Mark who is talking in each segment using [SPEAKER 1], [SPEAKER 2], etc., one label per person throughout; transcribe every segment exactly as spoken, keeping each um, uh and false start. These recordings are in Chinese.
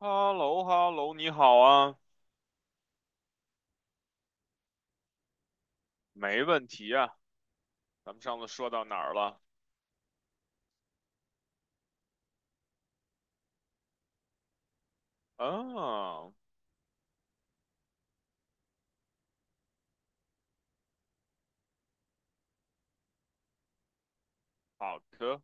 [SPEAKER 1] h e l l o h e l l o 你好啊，没问题啊。咱们上次说到哪儿了？啊，好的，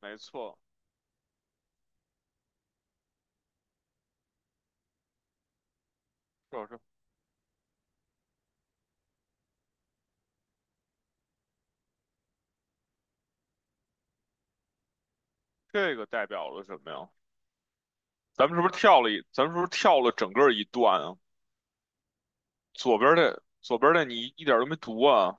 [SPEAKER 1] 没错，就是这个代表了什么呀？咱们是不是跳了一？咱们是不是跳了整个一段啊？左边的左边的你一点都没读啊？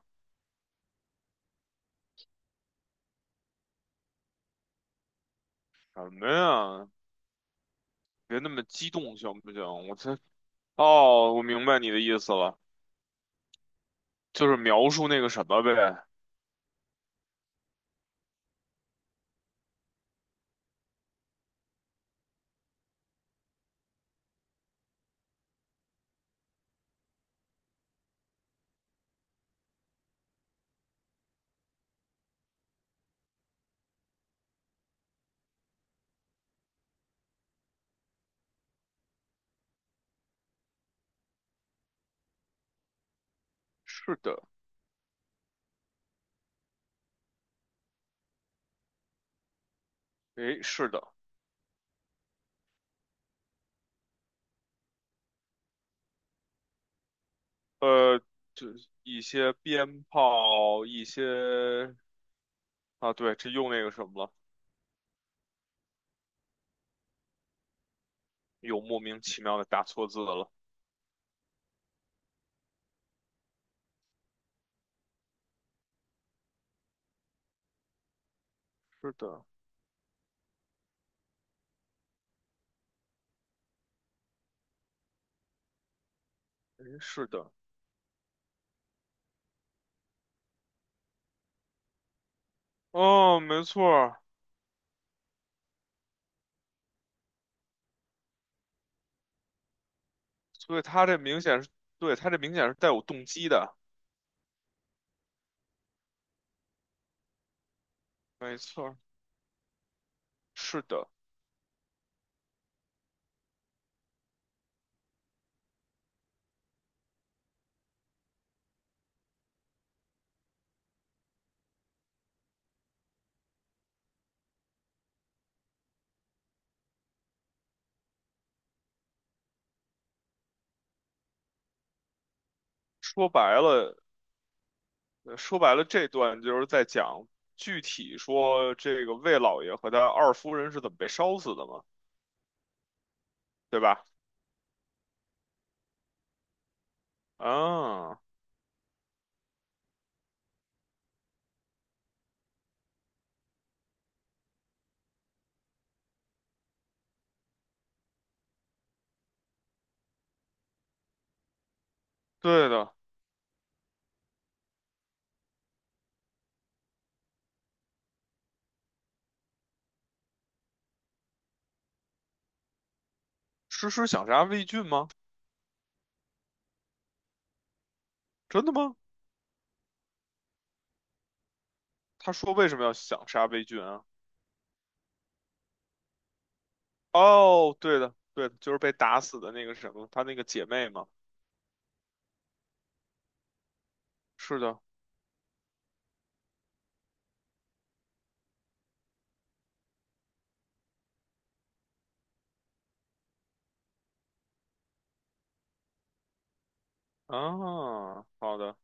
[SPEAKER 1] 什么呀？别那么激动行不行？我这哦，我明白你的意思了，就是描述那个什么呗。是的，诶，是的，呃，就一些鞭炮，一些。啊，对，这又那个什么了，又莫名其妙的打错字了。是的，哎，是的，哦，没错儿，所以他这明显是，对，他这明显是带有动机的，没错儿，是的。说白了，呃说白了，这段就是在讲具体说这个魏老爷和他二夫人是怎么被烧死的嘛，对吧？啊，对的，诗诗想杀魏俊吗？真的吗？他说为什么要想杀魏俊啊？哦，对的，对的，就是被打死的那个什么，她那个姐妹嘛。是的，啊，好的，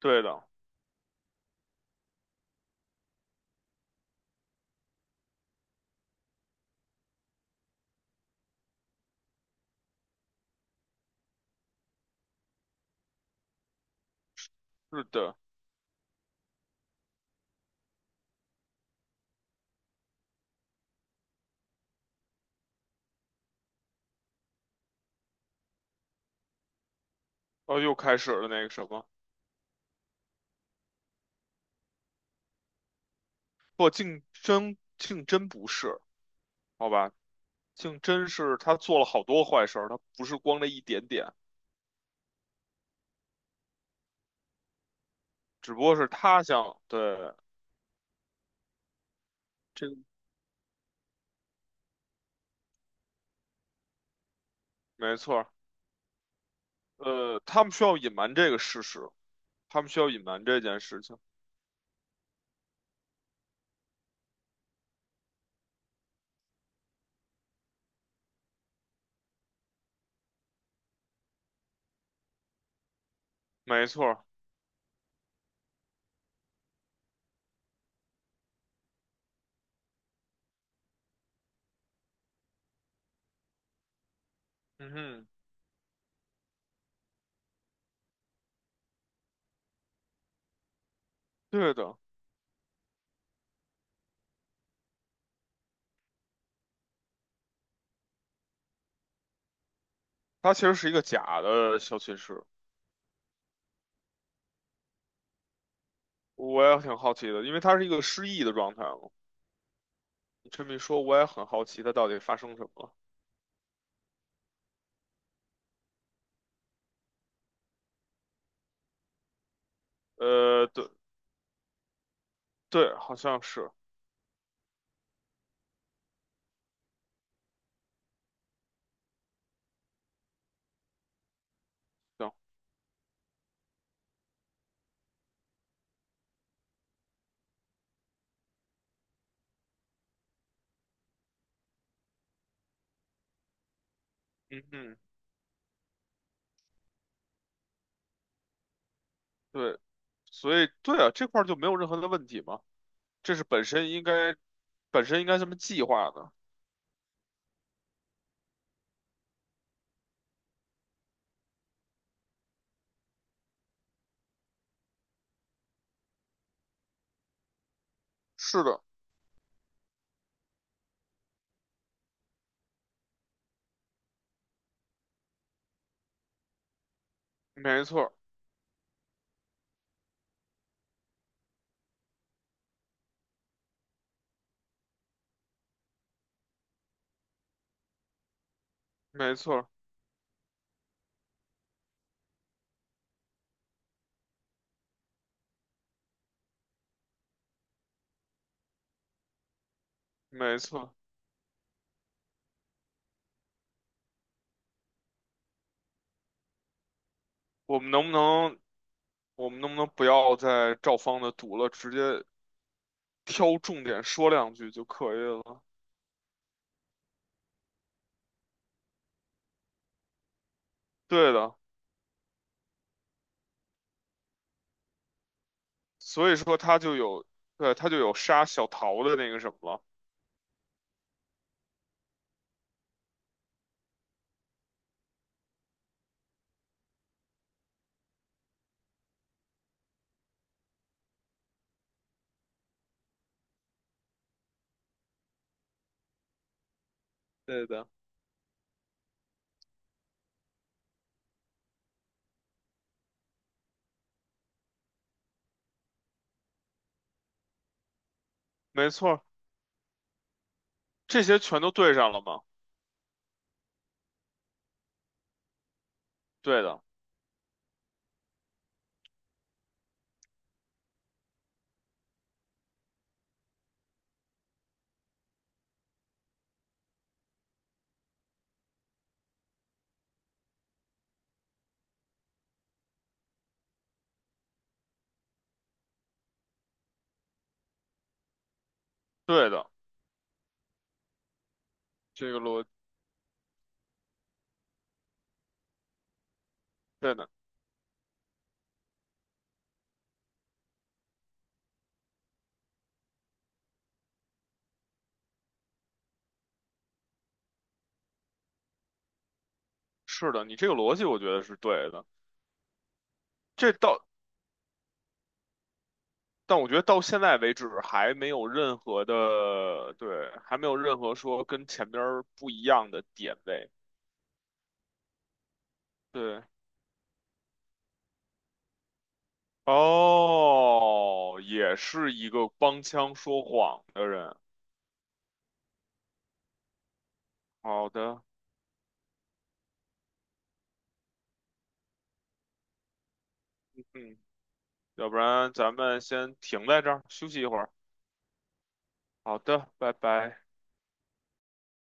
[SPEAKER 1] 对的，是的。哦，又开始了那个什么，不，竞争竞争不是，好吧？竞争是他做了好多坏事儿，他不是光这一点点，只不过是他想，对，这个没错儿。呃，他们需要隐瞒这个事实，他们需要隐瞒这件事情，没错儿。嗯哼，对的，他其实是一个假的小骑士。我也挺好奇的，因为他是一个失忆的状态嘛。你这么一说，我也很好奇他到底发生什么了。呃，对对，好像是，行，嗯嗯，对，所以对啊，这块儿就没有任何的问题嘛，这是本身应该本身应该这么计划的。是的，没错儿没错儿没错儿我们能不能我们能不能不要再照方的读了，直接挑重点说两句就可以了？对的。所以说他就有，对，他就有杀小桃的那个什么了。对的，没错，这些全都对上了吗？对的，对的，这个逻，对的，是的，你这个逻辑我觉得是对的。这到，但我觉得到现在为止还没有任何的，对，还没有任何说跟前边儿不一样的点位。对，哦，也是一个帮腔说谎的人。好的，嗯，要不然咱们先停在这儿休息一会儿。好的，拜拜。